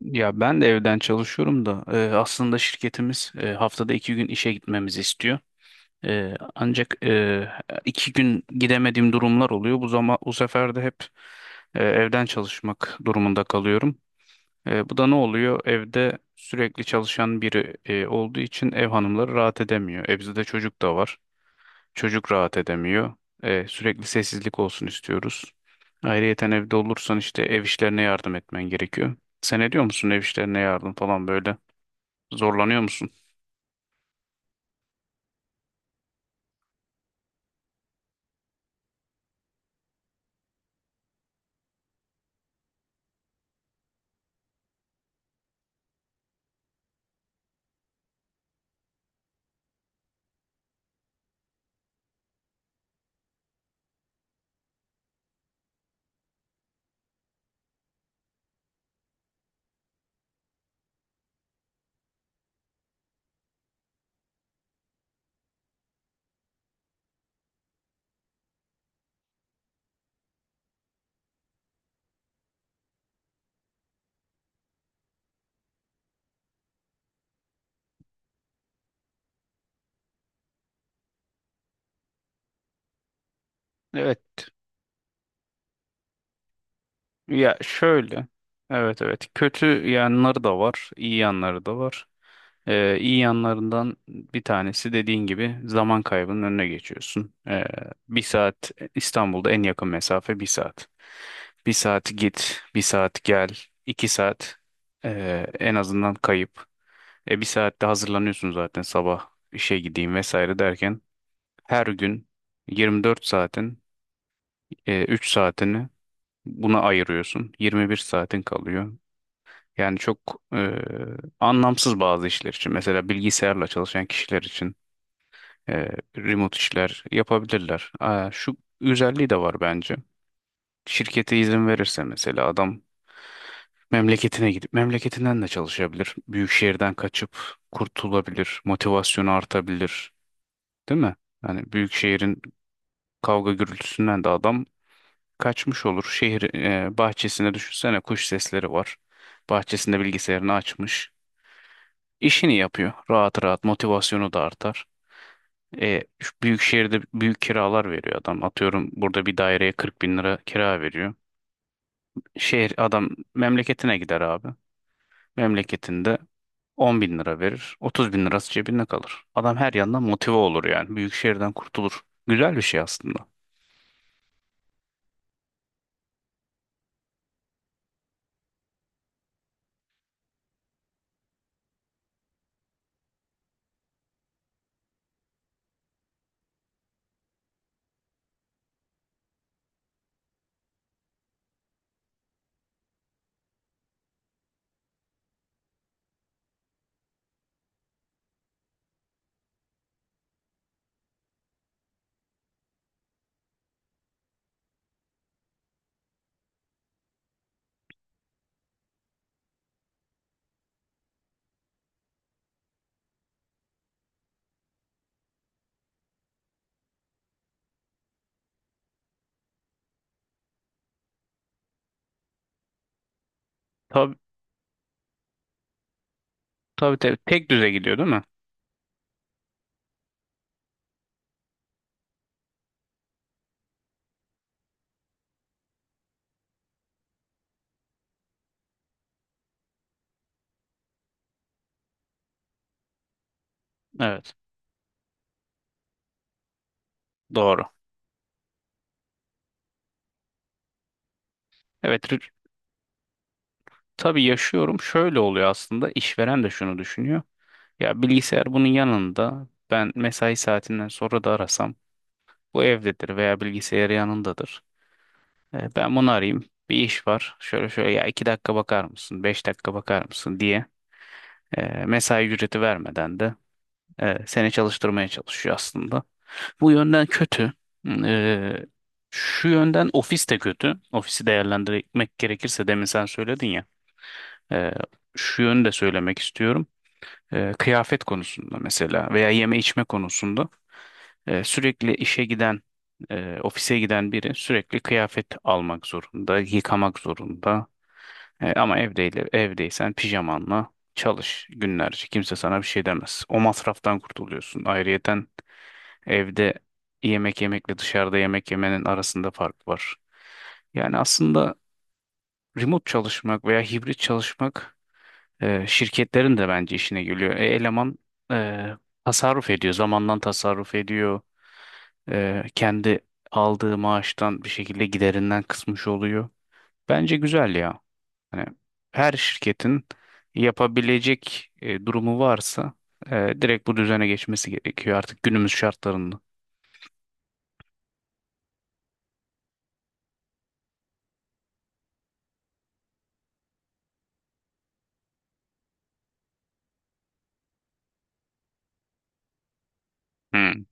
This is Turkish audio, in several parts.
Ya ben de evden çalışıyorum da aslında şirketimiz haftada iki gün işe gitmemizi istiyor. E, ancak e, iki gün gidemediğim durumlar oluyor. Bu zaman bu sefer de hep evden çalışmak durumunda kalıyorum. Bu da ne oluyor? Evde sürekli çalışan biri olduğu için ev hanımları rahat edemiyor. E bizde de çocuk da var. Çocuk rahat edemiyor. Sürekli sessizlik olsun istiyoruz. Ayrıyeten evde olursan işte ev işlerine yardım etmen gerekiyor. Sen ediyor musun ev işlerine yardım falan böyle? Zorlanıyor musun? Evet. Ya şöyle. Evet, evet. Kötü yanları da var, iyi yanları da var. İyi yanlarından bir tanesi dediğin gibi zaman kaybının önüne geçiyorsun. Bir saat, İstanbul'da en yakın mesafe bir saat. Bir saat git, bir saat gel, iki saat en azından kayıp. Bir saatte hazırlanıyorsun zaten, sabah işe gideyim vesaire derken her gün 24 saatin 3 saatini buna ayırıyorsun. 21 saatin kalıyor. Yani çok anlamsız bazı işler için. Mesela bilgisayarla çalışan kişiler için e, remote işler yapabilirler. Aa, şu özelliği de var bence. Şirkete izin verirse mesela adam memleketine gidip memleketinden de çalışabilir. Büyük şehirden kaçıp kurtulabilir. Motivasyonu artabilir. Değil mi? Yani büyük şehrin kavga gürültüsünden de adam kaçmış olur. Şehir bahçesine, düşünsene kuş sesleri var. Bahçesinde bilgisayarını açmış, işini yapıyor rahat rahat, motivasyonu da artar. Şu büyük şehirde büyük kiralar veriyor adam. Atıyorum burada bir daireye 40 bin lira kira veriyor. Şehir adam memleketine gider abi. Memleketinde 10 bin lira verir. 30 bin lirası cebinde kalır. Adam her yandan motive olur yani. Büyük şehirden kurtulur. Güzel bir şey aslında. Tabii, tabii, tabii. Tek düze gidiyor, değil mi? Evet. Doğru. Evet. Tabii yaşıyorum. Şöyle oluyor aslında. İşveren de şunu düşünüyor. Ya bilgisayar bunun yanında, ben mesai saatinden sonra da arasam bu evdedir veya bilgisayarı yanındadır. Ben bunu arayayım, bir iş var şöyle şöyle, ya iki dakika bakar mısın, beş dakika bakar mısın diye mesai ücreti vermeden de seni çalıştırmaya çalışıyor aslında. Bu yönden kötü. E, Şu yönden ofis de kötü. Ofisi değerlendirmek gerekirse demin sen söyledin ya. e, Şu yönü de söylemek istiyorum. Kıyafet konusunda mesela veya yeme içme konusunda sürekli işe giden, ofise giden biri sürekli kıyafet almak zorunda, yıkamak zorunda. Ama evdeyle, evdeysen pijamanla çalış günlerce. Kimse sana bir şey demez. O masraftan kurtuluyorsun. Ayrıyeten evde yemek yemekle dışarıda yemek yemenin arasında fark var. Yani aslında remote çalışmak veya hibrit çalışmak şirketlerin de bence işine geliyor. Eleman e, tasarruf ediyor. Zamandan tasarruf ediyor. Kendi aldığı maaştan bir şekilde giderinden kısmış oluyor. Bence güzel ya. Hani her şirketin yapabilecek durumu varsa direkt bu düzene geçmesi gerekiyor artık günümüz şartlarında. Hmm.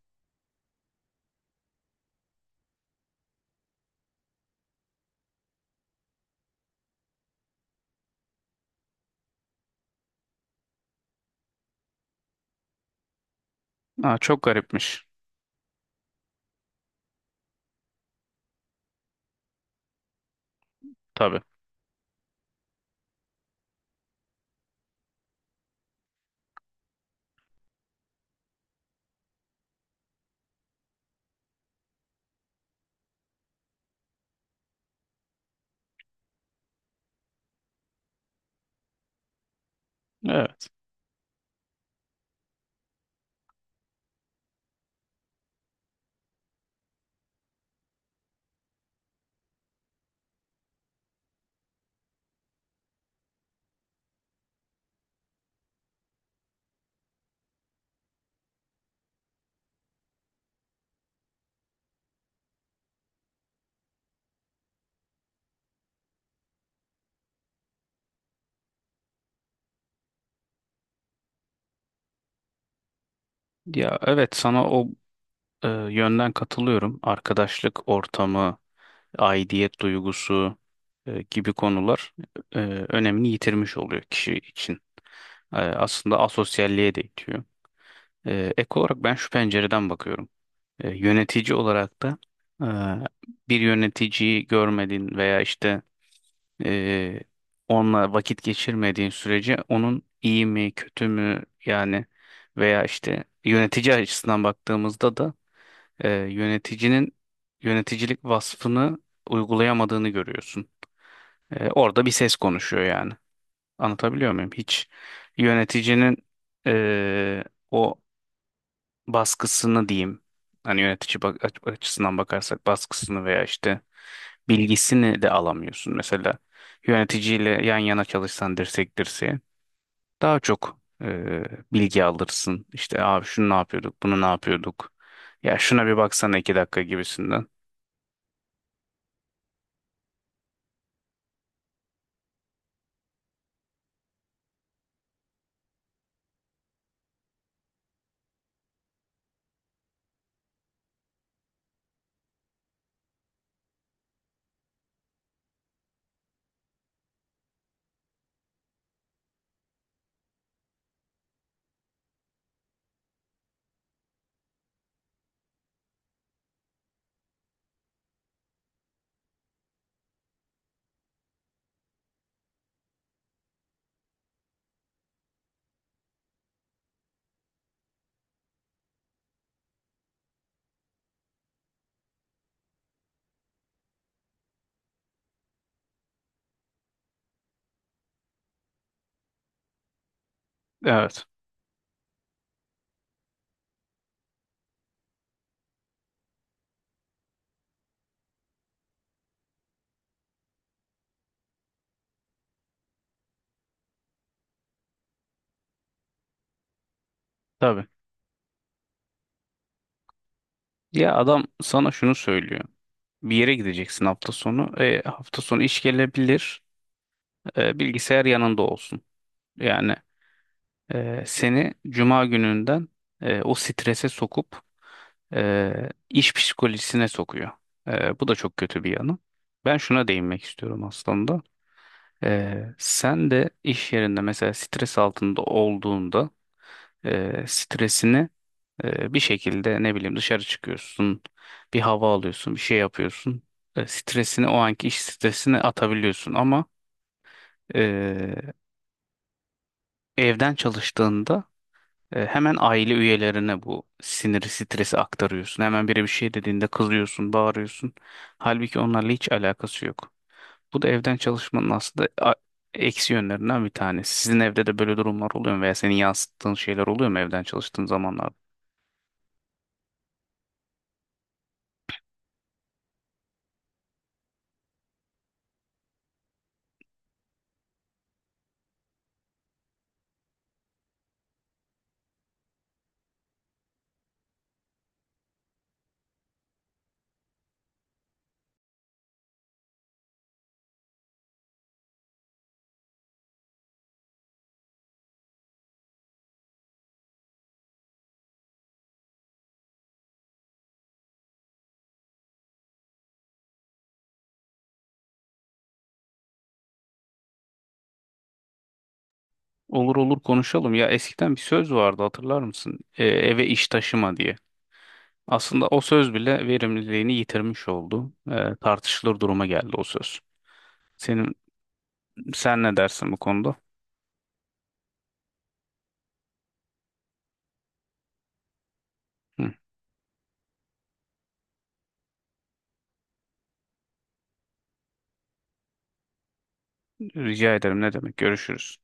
Aa, çok garipmiş. Tabii. Evet. Ya evet, sana o yönden katılıyorum. Arkadaşlık ortamı, aidiyet duygusu gibi konular e, önemini yitirmiş oluyor kişi için. Aslında asosyalliğe de itiyor. Ek olarak ben şu pencereden bakıyorum. Yönetici olarak da e, bir yöneticiyi görmediğin veya işte e, onunla vakit geçirmediğin sürece onun iyi mi kötü mü yani, veya işte yönetici açısından baktığımızda da yöneticinin yöneticilik vasfını uygulayamadığını görüyorsun. Orada bir ses konuşuyor yani. Anlatabiliyor muyum? Hiç yöneticinin e, o baskısını diyeyim. Hani yönetici bak açısından bakarsak baskısını veya işte bilgisini de alamıyorsun. Mesela yöneticiyle yan yana çalışsan dirsek dirseğe daha çok bilgi alırsın. İşte abi şunu ne yapıyorduk, bunu ne yapıyorduk. Ya şuna bir baksana iki dakika gibisinden. Evet. Tabii. Ya adam sana şunu söylüyor. Bir yere gideceksin hafta sonu. Hafta sonu iş gelebilir. Bilgisayar yanında olsun. Yani seni cuma gününden o strese sokup iş psikolojisine sokuyor. Bu da çok kötü bir yanı. Ben şuna değinmek istiyorum aslında. Sen de iş yerinde mesela stres altında olduğunda stresini bir şekilde ne bileyim dışarı çıkıyorsun, bir hava alıyorsun, bir şey yapıyorsun. Stresini, o anki iş stresini atabiliyorsun ama e, evden çalıştığında hemen aile üyelerine bu siniri, stresi aktarıyorsun. Hemen biri bir şey dediğinde kızıyorsun, bağırıyorsun. Halbuki onlarla hiç alakası yok. Bu da evden çalışmanın aslında eksi yönlerinden bir tanesi. Sizin evde de böyle durumlar oluyor mu veya senin yansıttığın şeyler oluyor mu evden çalıştığın zamanlarda? Olur olur konuşalım. Ya eskiden bir söz vardı, hatırlar mısın? Eve iş taşıma diye. Aslında o söz bile verimliliğini yitirmiş oldu. Tartışılır duruma geldi o söz. Senin sen ne dersin bu konuda? Hı, rica ederim ne demek? Görüşürüz.